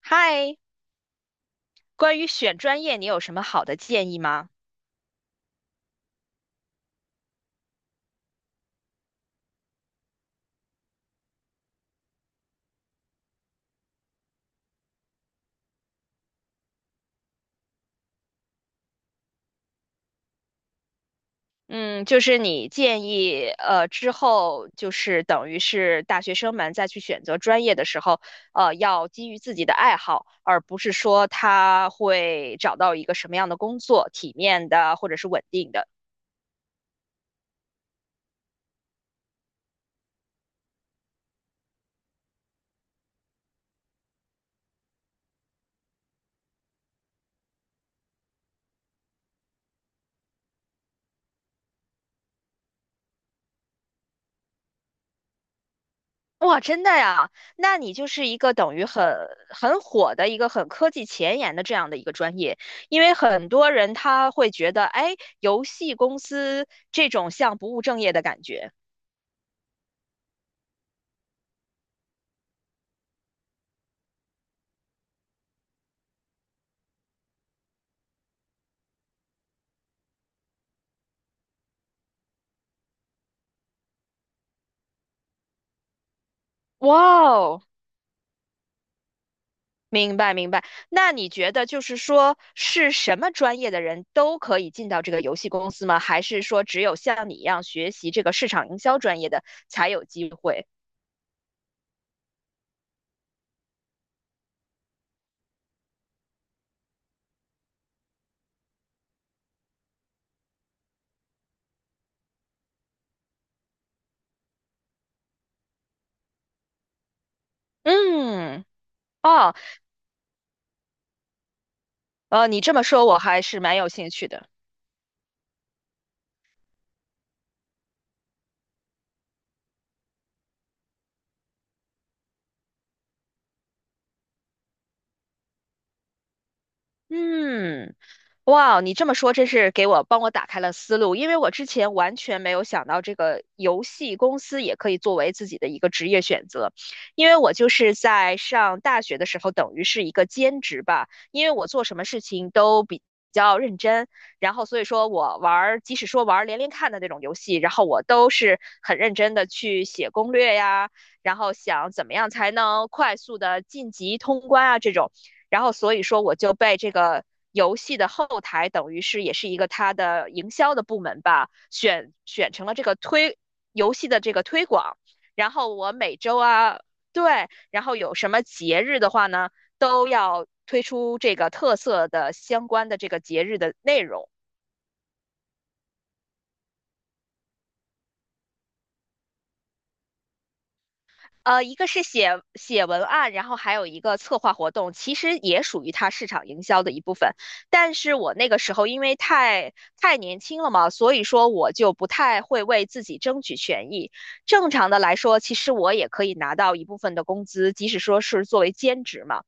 嗨，关于选专业，你有什么好的建议吗？嗯，就是你建议，之后就是等于是大学生们再去选择专业的时候，要基于自己的爱好，而不是说他会找到一个什么样的工作，体面的或者是稳定的。哇，真的呀？那你就是一个等于很火的一个很科技前沿的这样的一个专业，因为很多人他会觉得，哎，游戏公司这种像不务正业的感觉。哇哦，明白明白。那你觉得就是说，是什么专业的人都可以进到这个游戏公司吗？还是说只有像你一样学习这个市场营销专业的才有机会？嗯，哦，你这么说我还是蛮有兴趣的。嗯。哇，你这么说真是帮我打开了思路，因为我之前完全没有想到这个游戏公司也可以作为自己的一个职业选择，因为我就是在上大学的时候，等于是一个兼职吧，因为我做什么事情都比较认真，然后所以说我玩儿，即使说玩儿连连看的那种游戏，然后我都是很认真的去写攻略呀，然后想怎么样才能快速的晋级通关啊这种。然后所以说我就被这个游戏的后台，等于是也是一个它的营销的部门吧，选成了这个推游戏的这个推广。然后我每周啊，对，然后有什么节日的话呢，都要推出这个特色的相关的这个节日的内容。一个是写写文案，然后还有一个策划活动，其实也属于它市场营销的一部分。但是我那个时候因为太年轻了嘛，所以说我就不太会为自己争取权益。正常的来说，其实我也可以拿到一部分的工资，即使说是作为兼职嘛。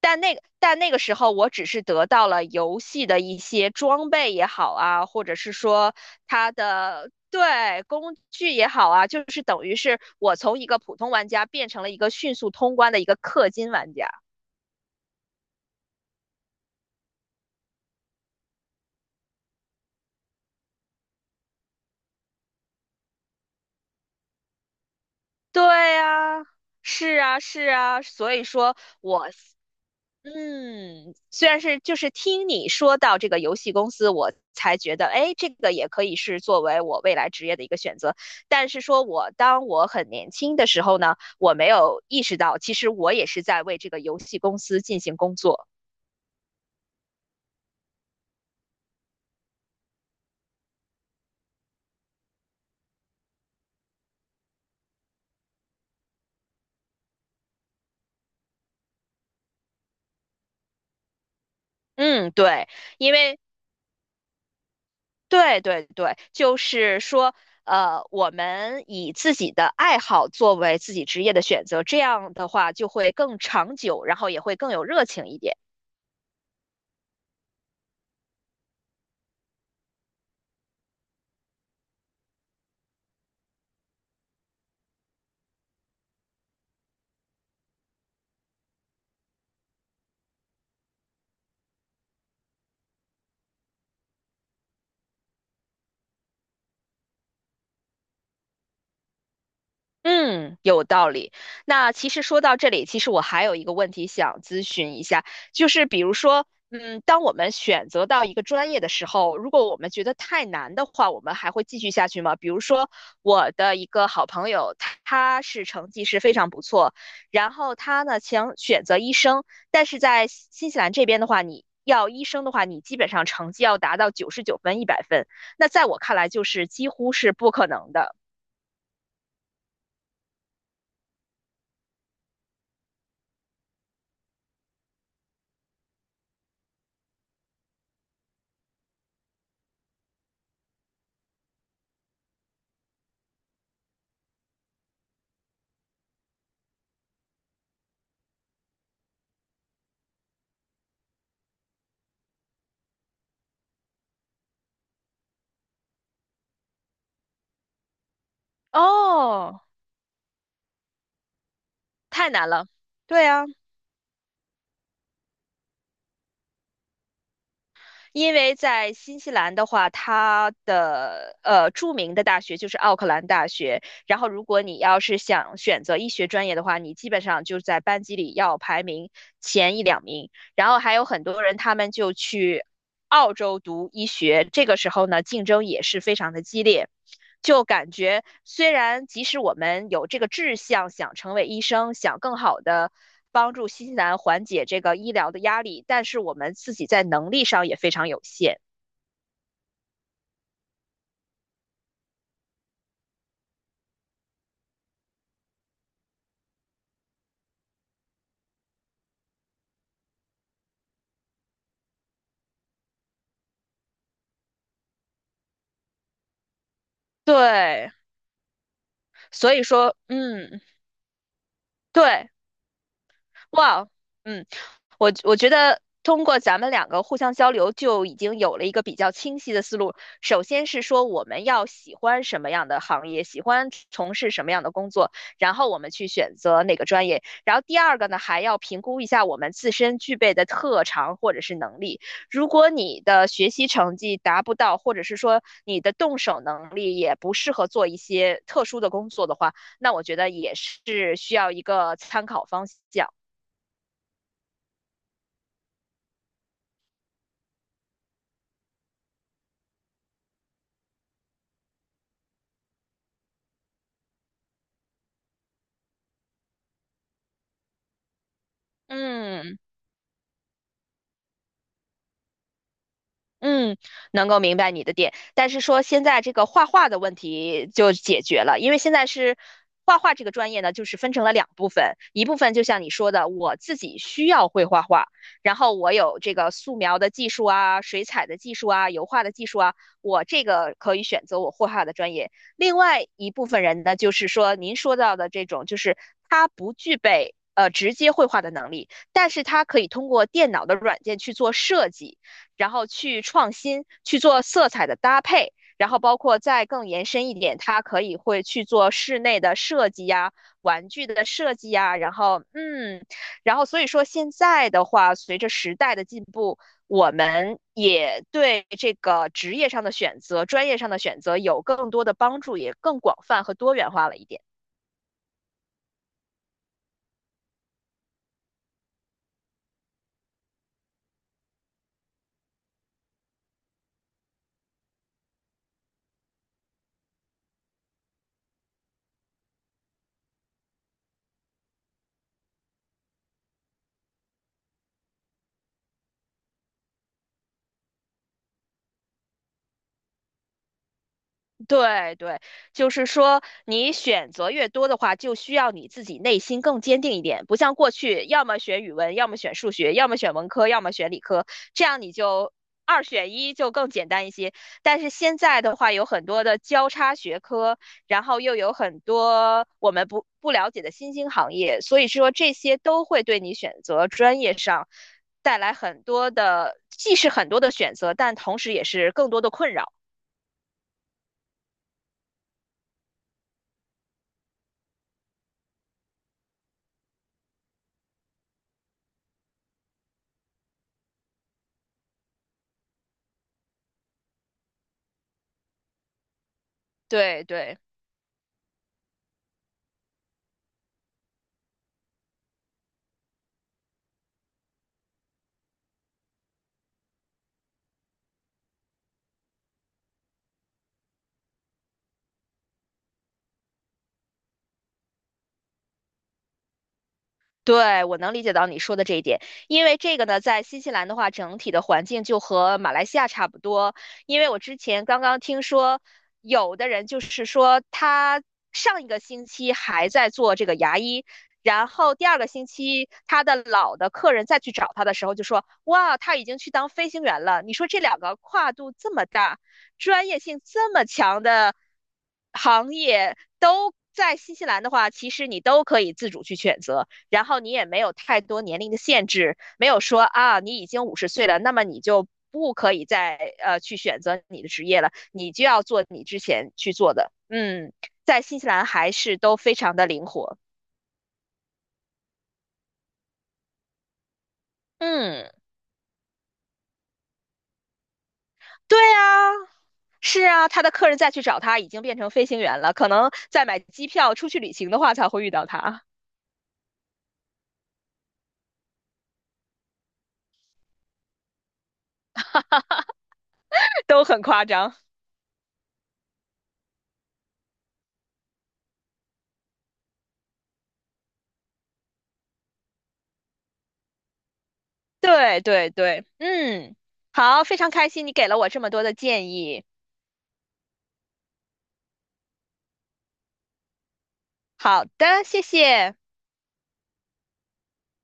但那个时候，我只是得到了游戏的一些装备也好啊，或者是说它的对工具也好啊，就是等于是我从一个普通玩家变成了一个迅速通关的一个氪金玩家。对呀，是啊，是啊，所以说我虽然是就是听你说到这个游戏公司，我才觉得，哎，这个也可以是作为我未来职业的一个选择。但是说我当我很年轻的时候呢，我没有意识到，其实我也是在为这个游戏公司进行工作。嗯，对，因为对对对，就是说，我们以自己的爱好作为自己职业的选择，这样的话就会更长久，然后也会更有热情一点。嗯，有道理。那其实说到这里，其实我还有一个问题想咨询一下，就是比如说，嗯，当我们选择到一个专业的时候，如果我们觉得太难的话，我们还会继续下去吗？比如说，我的一个好朋友，他是成绩是非常不错，然后他呢想选择医生，但是在新西兰这边的话，你要医生的话，你基本上成绩要达到99分、100分，那在我看来就是几乎是不可能的。哦，太难了。对啊，因为在新西兰的话，它的呃著名的大学就是奥克兰大学。然后，如果你要是想选择医学专业的话，你基本上就在班级里要排名前一两名。然后还有很多人，他们就去澳洲读医学，这个时候呢，竞争也是非常的激烈。就感觉虽然即使我们有这个志向，想成为医生，想更好的帮助新西兰缓解这个医疗的压力，但是我们自己在能力上也非常有限。对，所以说，嗯，对。哇，嗯，我觉得通过咱们两个互相交流，就已经有了一个比较清晰的思路。首先是说我们要喜欢什么样的行业，喜欢从事什么样的工作，然后我们去选择哪个专业。然后第二个呢，还要评估一下我们自身具备的特长或者是能力。如果你的学习成绩达不到，或者是说你的动手能力也不适合做一些特殊的工作的话，那我觉得也是需要一个参考方向。嗯嗯，能够明白你的点，但是说现在这个画画的问题就解决了，因为现在是画画这个专业呢，就是分成了两部分，一部分就像你说的，我自己需要会画画，然后我有这个素描的技术啊、水彩的技术啊、油画的技术啊，我这个可以选择我绘画的专业。另外一部分人呢，就是说您说到的这种，就是他不具备直接绘画的能力，但是他可以通过电脑的软件去做设计。然后去创新，去做色彩的搭配，然后包括再更延伸一点，它可以会去做室内的设计呀、玩具的设计呀，然后然后所以说现在的话，随着时代的进步，我们也对这个职业上的选择、专业上的选择有更多的帮助，也更广泛和多元化了一点。对对，就是说你选择越多的话，就需要你自己内心更坚定一点，不像过去，要么选语文，要么选数学，要么选文科，要么选理科，这样你就二选一就更简单一些。但是现在的话，有很多的交叉学科，然后又有很多我们不了解的新兴行业，所以说这些都会对你选择专业上带来很多的，既是很多的选择，但同时也是更多的困扰。对对。对，我能理解到你说的这一点，因为这个呢，在新西兰的话，整体的环境就和马来西亚差不多。因为我之前刚刚听说，有的人就是说他上一个星期还在做这个牙医，然后第二个星期他的老的客人再去找他的时候，就说哇，他已经去当飞行员了。你说这两个跨度这么大，专业性这么强的行业都。在新西兰的话，其实你都可以自主去选择，然后你也没有太多年龄的限制，没有说啊你已经50岁了，那么你就不可以再去选择你的职业了，你就要做你之前去做的。嗯，在新西兰还是都非常的灵活。嗯，对啊，是啊，他的客人再去找他已经变成飞行员了，可能在买机票出去旅行的话才会遇到他，都很夸张。对对对，嗯，好，非常开心你给了我这么多的建议。好的，谢谢，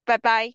拜拜。